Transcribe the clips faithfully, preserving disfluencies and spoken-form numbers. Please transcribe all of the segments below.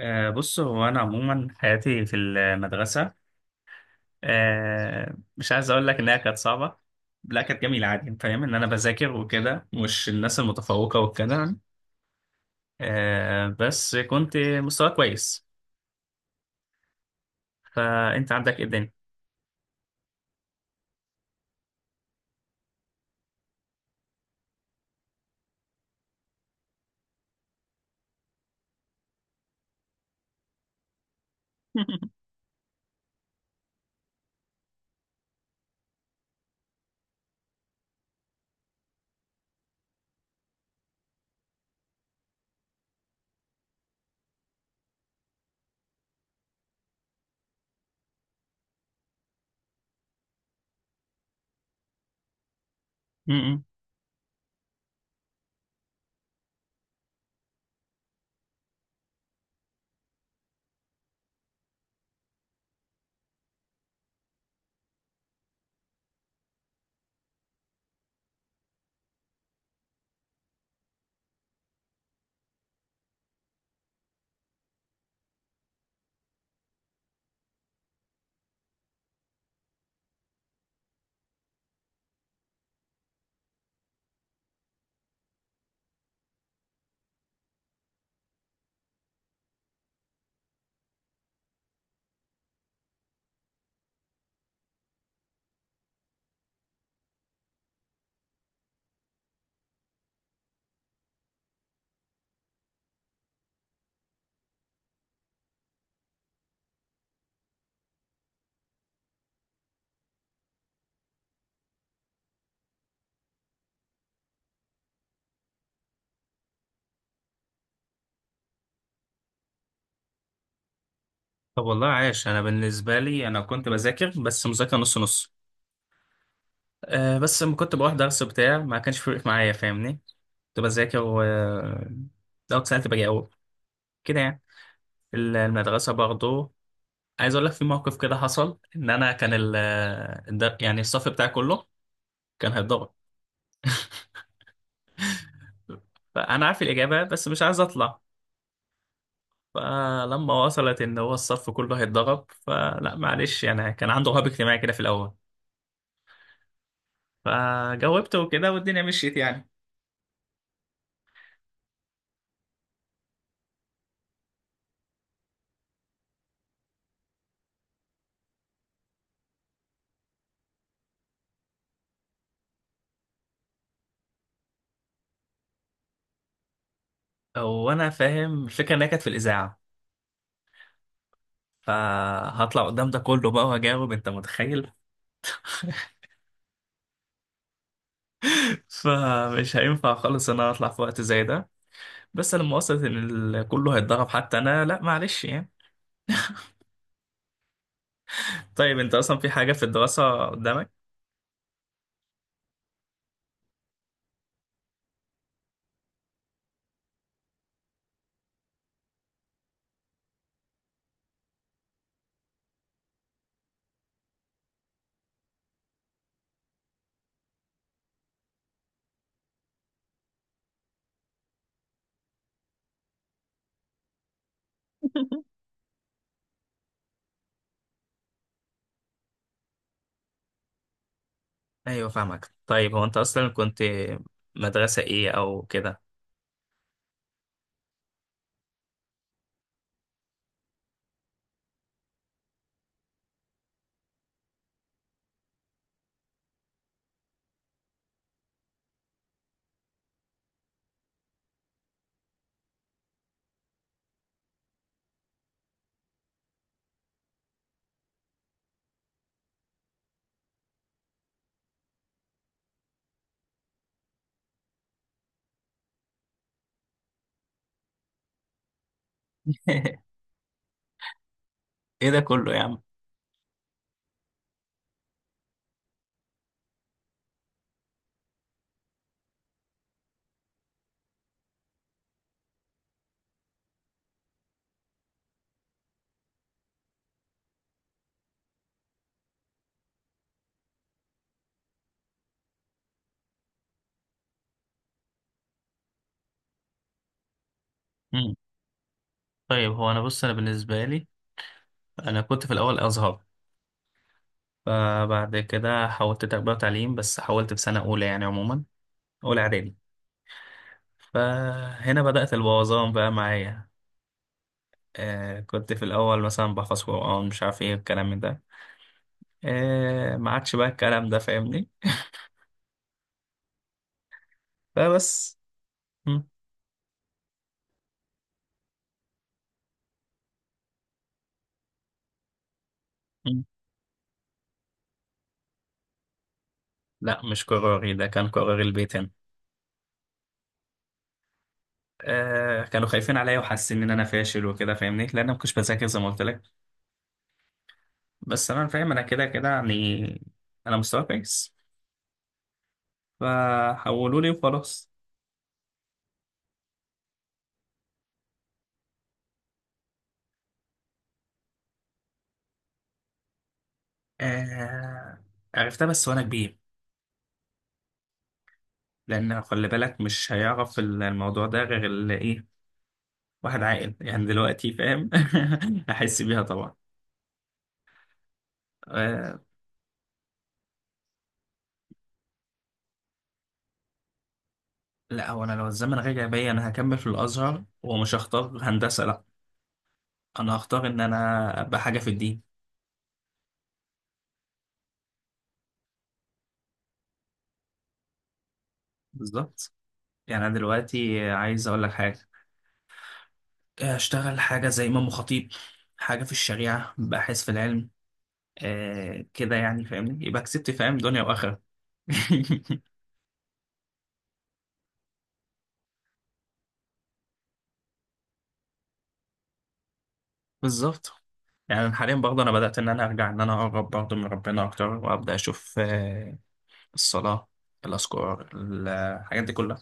آه، بص، هو أنا عموما حياتي في المدرسة، آه، مش عايز أقول لك إنها كانت صعبة. لا، كانت جميلة عادي، فاهم إن أنا بذاكر وكده، مش الناس المتفوقة وكده. آه، بس كنت مستوى كويس. فأنت عندك إيه الدنيا؟ م-م. طب والله عايش، أنا بالنسبة لي أنا كنت بذاكر بس مذاكرة نص نص. آه، بس لما كنت بروح درس بتاع ما كانش فارق معايا فاهمني. كنت بذاكر و آه، لو اتسألت بجاوب كده يعني. المدرسة برضه، عايز اقول لك في موقف كده حصل ان انا كان ال الد- يعني الصف بتاعي كله كان هيتضغط. فانا عارف الاجابه بس مش عايز اطلع. فلما وصلت ان هو الصف كله هيتضغط فلا معلش يعني، كان عنده رهاب اجتماعي كده في الاول. فجاوبت وكده والدنيا مشيت يعني. وانا فاهم الفكره انها كانت في الاذاعه، فهطلع قدام ده كله بقى وهجاوب، انت متخيل؟ فمش هينفع خالص ان انا اطلع في وقت زي ده. بس لما وصلت ان ال- كله هيتضرب حتى انا، لا معلش يعني. طيب انت اصلا في حاجة في الدراسة قدامك؟ ايوه فاهمك. طيب هو انت اصلا كنت مدرسة ايه او كده؟ ايه ده كله يا عم؟ مم. طيب هو انا بص، انا بالنسبه لي انا كنت في الاول ازهر. فبعد كده حولت تربيه وتعليم، بس حولت في سنه اولى يعني، عموما اولى اعدادي. فهنا بدات البوظان بقى معايا. آه كنت في الاول مثلا بحفظ قران مش عارف ايه الكلام من ده. آه ما عادش بقى الكلام ده فاهمني. فبس. مم. لا مش قراري، ده كان قرار البيت هنا. آه كانوا خايفين عليا وحاسين ان انا فاشل وكده فاهمني، لان انا ما كنتش بذاكر زي ما قلت لك. بس انا فاهم انا كده كده يعني، انا مستوى كويس. فحولوا لي وخلاص. آه عرفتها بس وانا كبير. لان خلي بالك، مش هيعرف الموضوع ده غير اللي ايه، واحد عاقل يعني دلوقتي فاهم. احس بيها طبعا. آه لا هو انا لو الزمن رجع بيا انا هكمل في الازهر ومش هختار هندسه، لا. انا هختار ان انا ابقى حاجه في الدين. بالظبط. يعني انا دلوقتي عايز اقول لك حاجه. اشتغل حاجه زي امام خطيب، حاجه في الشريعه، باحث في العلم. آه كده يعني فاهمني، يبقى كسبت فاهم، دنيا واخره. بالظبط. يعني حاليا برضه انا بدات ان انا ارجع ان انا اقرب برضه من ربنا اكتر وابدا اشوف آه الصلاه، الاذكار، الحاجات دي كلها.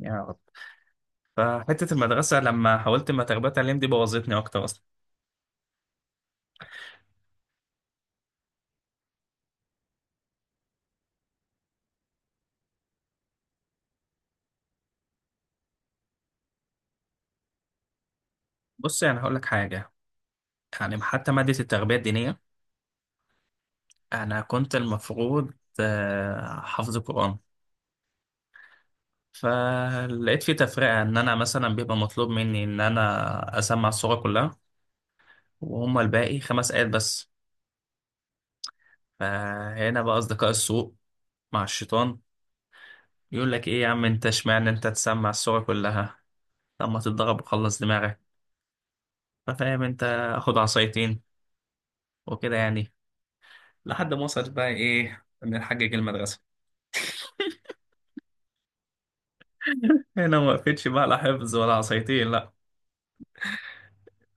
يا رب. فحته المدرسه لما حاولت ما تربيه تعليم دي بوظتني اكتر اصلا. بص يعني هقول لك حاجه، يعني حتى ماده التربيه الدينيه، انا كنت المفروض آه، حافظ قرآن. فلقيت في تفرقة ان انا مثلا بيبقى مطلوب مني ان انا اسمع السورة كلها، وهم الباقي خمس آيات بس. فهنا بقى اصدقاء السوء مع الشيطان يقول لك ايه يا عم، انت اشمعنى انت تسمع السورة كلها؟ لما تتضرب وخلص دماغك. ففاهم انت، اخد عصايتين وكده يعني. لحد ما وصلت بقى ايه، نحجج المدرسة. هنا ما وقفتش بقى لا حفظ ولا عصايتين، لا.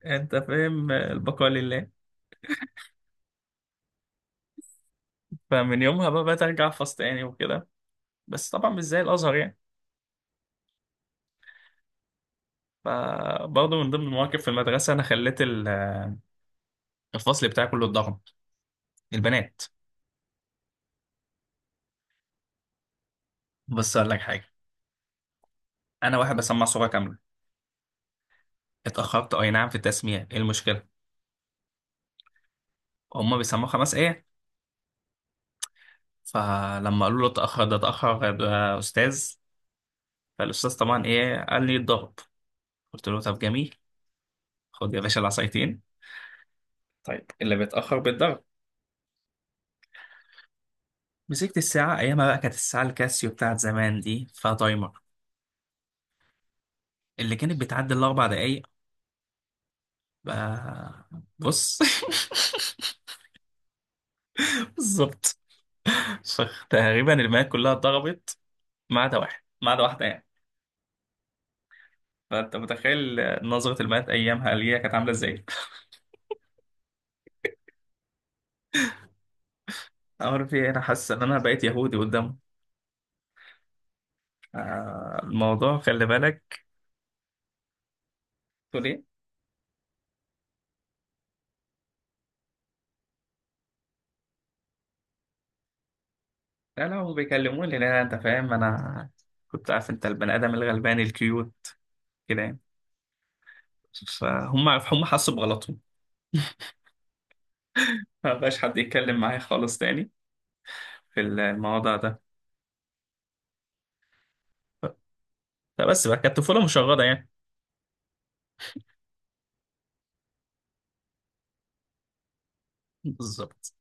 انت فاهم، البقاء لله. فمن يومها بقى بقيت ارجع احفظ تاني وكده، بس طبعا مش زي الازهر يعني. فبرضه من ضمن المواقف في المدرسه، انا خليت ال- الفصل بتاعي كله اتضرب، البنات. بس اقول لك حاجه، انا واحد بسمع صوره كامله. اتاخرت اي نعم في التسميع، ايه المشكله؟ هما بيسمعوا خمس ايه. فلما قالوا له اتاخر ده، اتاخر ده استاذ، فالاستاذ طبعا ايه قال لي اتضرب. قلت له طب جميل، خد يا باشا العصايتين. طيب اللي بيتاخر بيتضرب. مسكت الساعه، ايامها بقى كانت الساعه الكاسيو بتاعت زمان دي فيها تايمر، اللي كانت بتعدي الأربع دقايق. بقى- بص. بالظبط. فتقريبا المايات كلها اتضربت، ما عدا واحد، ما عدا واحدة يعني. فأنت متخيل نظرة المايات أيامها اللي هي كانت عاملة إزاي. أمر في إيه؟ أنا حاسس إن أنا بقيت يهودي قدامه. آه، الموضوع خلي بالك. تقول إيه؟ لا لا، هم بيكلموني، لا أنت فاهم، أنا كنت عارف، أنت البني آدم الغلباني الكيوت كده يعني. فهم هم حسوا بغلطهم. ما بقاش حد يتكلم معايا خالص تاني في الموضوع ده. لا بس بقى كانت طفولة مشردة يعني. بالظبط.